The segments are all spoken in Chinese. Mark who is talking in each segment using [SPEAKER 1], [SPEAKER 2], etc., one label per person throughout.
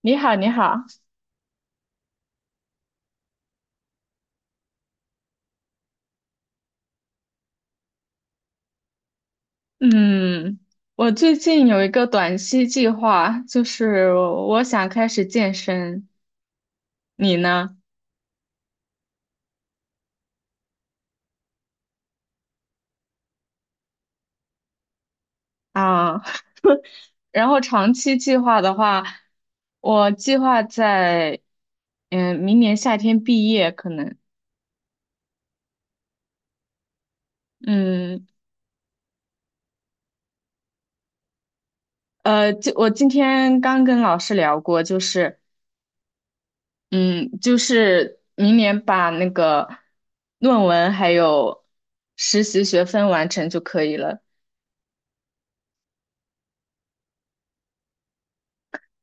[SPEAKER 1] 你好，你好，嗯，我最近有一个短期计划，就是我想开始健身，你呢？啊，然后长期计划的话，我计划在，明年夏天毕业，可能，嗯，就我今天刚跟老师聊过，就是明年把那个论文还有实习学分完成就可以了。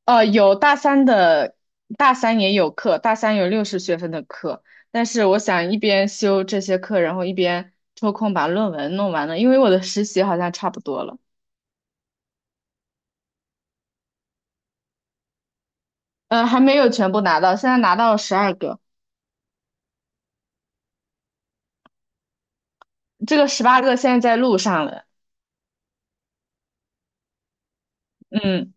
[SPEAKER 1] 有大三的，大三也有课，大三有60学分的课，但是我想一边修这些课，然后一边抽空把论文弄完了，因为我的实习好像差不多了，还没有全部拿到，现在拿到了12个，这个18个现在在路上了，嗯，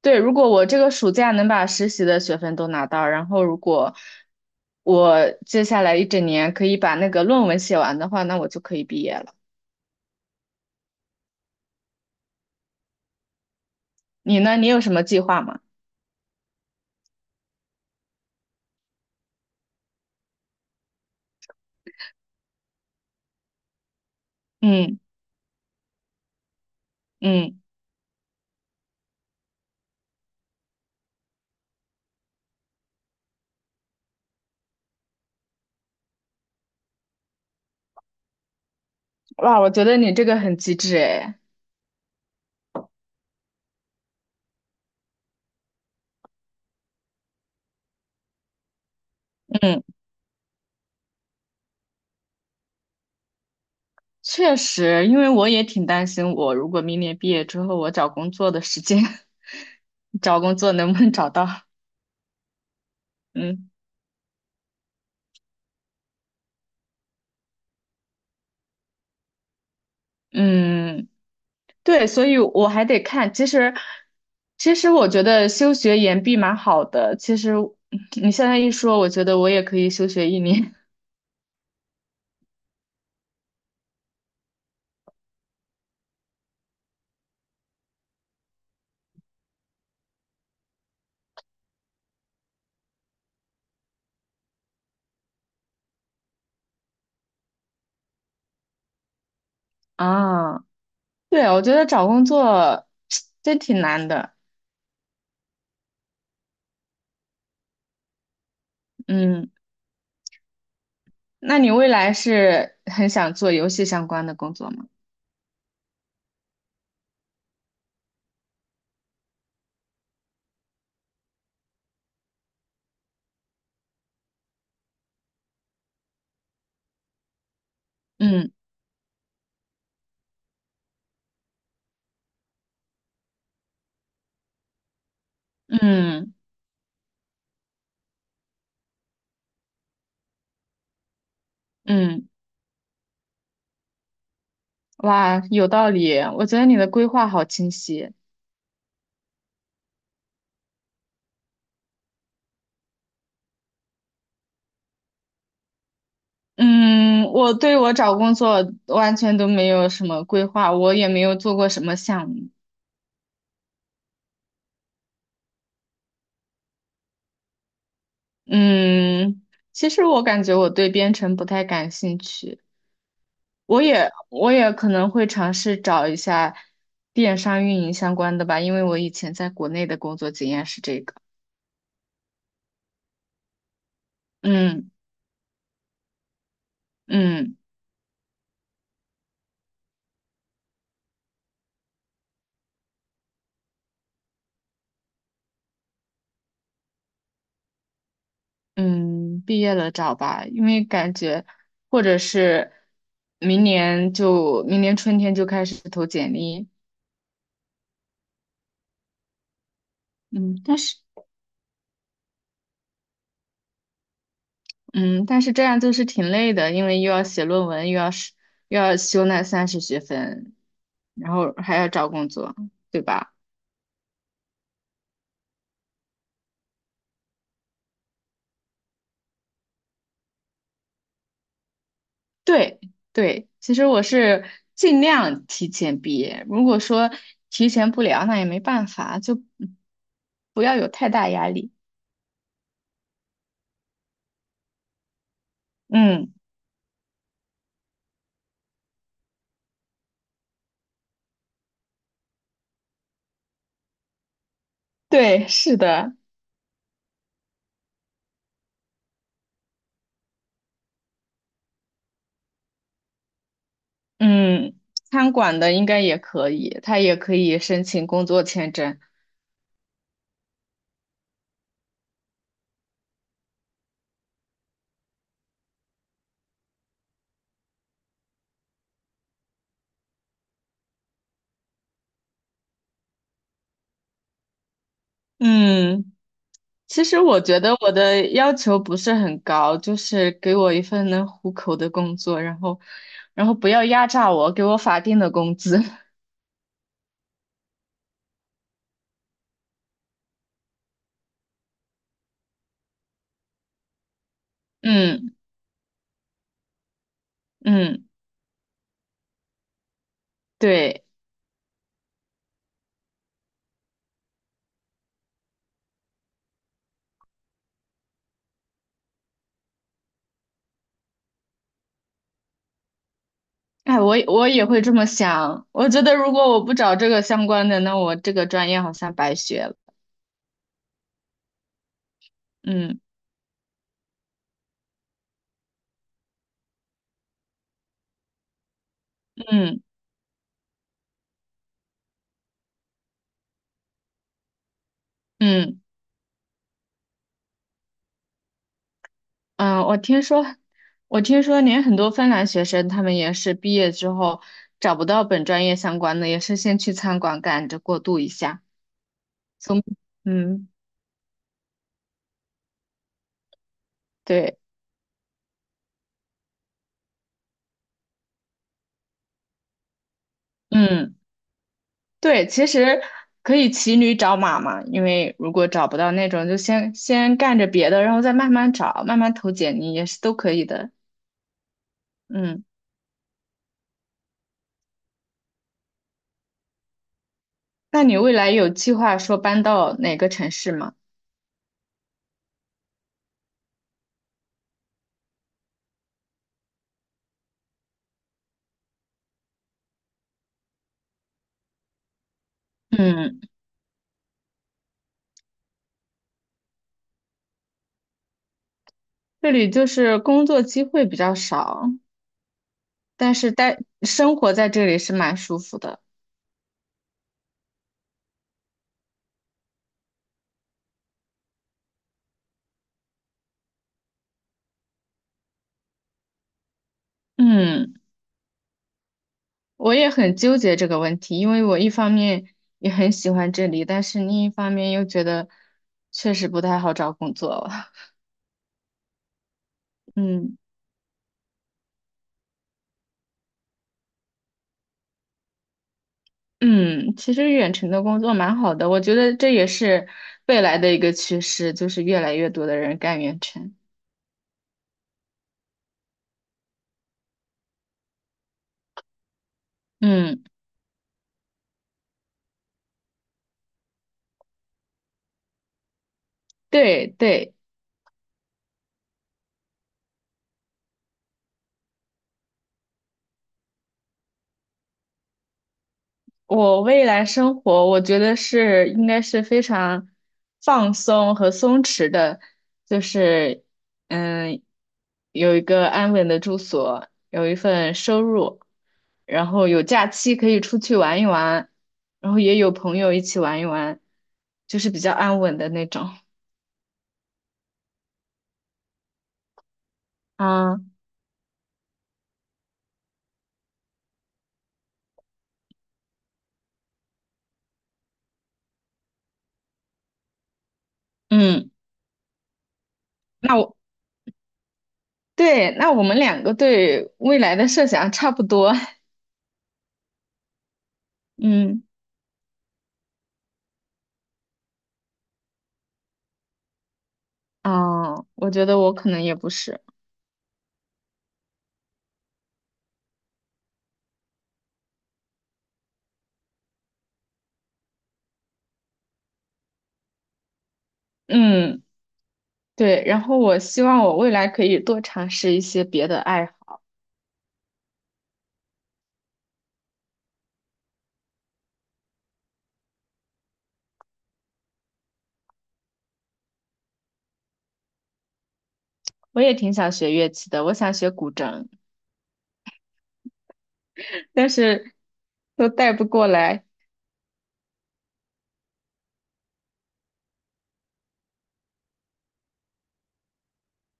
[SPEAKER 1] 对，如果我这个暑假能把实习的学分都拿到，然后如果我接下来一整年可以把那个论文写完的话，那我就可以毕业了。你呢？你有什么计划吗？嗯嗯。哇，我觉得你这个很机智诶。嗯确实，因为我也挺担心，我如果明年毕业之后，我找工作的时间，找工作能不能找到？嗯嗯，对，所以我还得看。其实我觉得休学延毕蛮好的。其实你现在一说，我觉得我也可以休学一年 啊。对，我觉得找工作 真挺难的。嗯，那你未来是很想做游戏相关的工作吗？嗯。嗯嗯，哇，有道理。我觉得你的规划好清晰。嗯，我对我找工作完全都没有什么规划，我也没有做过什么项目。嗯，其实我感觉我对编程不太感兴趣，我也可能会尝试找一下电商运营相关的吧，因为我以前在国内的工作经验是这个。嗯嗯。嗯，毕业了找吧，因为感觉或者是明年春天就开始投简历。嗯，但是这样就是挺累的，因为又要写论文，又要修那30学分，然后还要找工作，对吧？对对，其实我是尽量提前毕业，如果说提前不了，那也没办法，就不要有太大压力。嗯，对，是的。嗯，餐馆的应该也可以，他也可以申请工作签证。嗯，其实我觉得我的要求不是很高，就是给我一份能糊口的工作，然后，不要压榨我，给我法定的工资。嗯嗯，对，哎，我也会这么想。我觉得如果我不找这个相关的，那我这个专业好像白学了。嗯嗯嗯。嗯，我听说连很多芬兰学生，他们也是毕业之后找不到本专业相关的，也是先去餐馆赶着过渡一下。从，嗯，对，嗯，对，其实可以骑驴找马嘛，因为如果找不到那种，就先干着别的，然后再慢慢找，慢慢投简历也是都可以的。嗯，那你未来有计划说搬到哪个城市吗？嗯，这里就是工作机会比较少，但是生活在这里是蛮舒服的。嗯，我也很纠结这个问题，因为我一方面也很喜欢这里，但是另一方面又觉得确实不太好找工作了。嗯嗯，其实远程的工作蛮好的，我觉得这也是未来的一个趋势，就是越来越多的人干远程。嗯，对对。我未来生活，我觉得是应该是非常放松和松弛的，就是嗯，有一个安稳的住所，有一份收入，然后有假期可以出去玩一玩，然后也有朋友一起玩一玩，就是比较安稳的那种。啊，嗯，那我对，那我们2个对未来的设想差不多。嗯，啊，我觉得我可能也不是。嗯。对，然后我希望我未来可以多尝试一些别的爱好。我也挺想学乐器的，我想学古筝，但是都带不过来。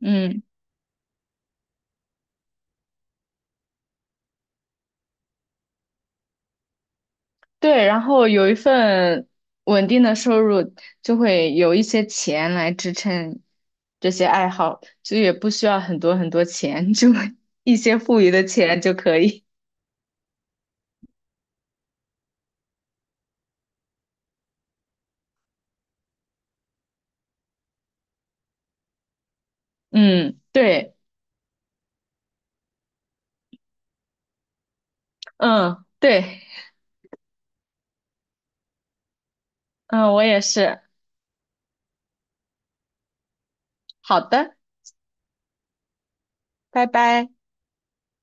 [SPEAKER 1] 嗯，对，然后有一份稳定的收入，就会有一些钱来支撑这些爱好，就也不需要很多很多钱，就 一些富余的钱就可以。嗯，对，嗯，对，嗯，我也是。好的，拜拜。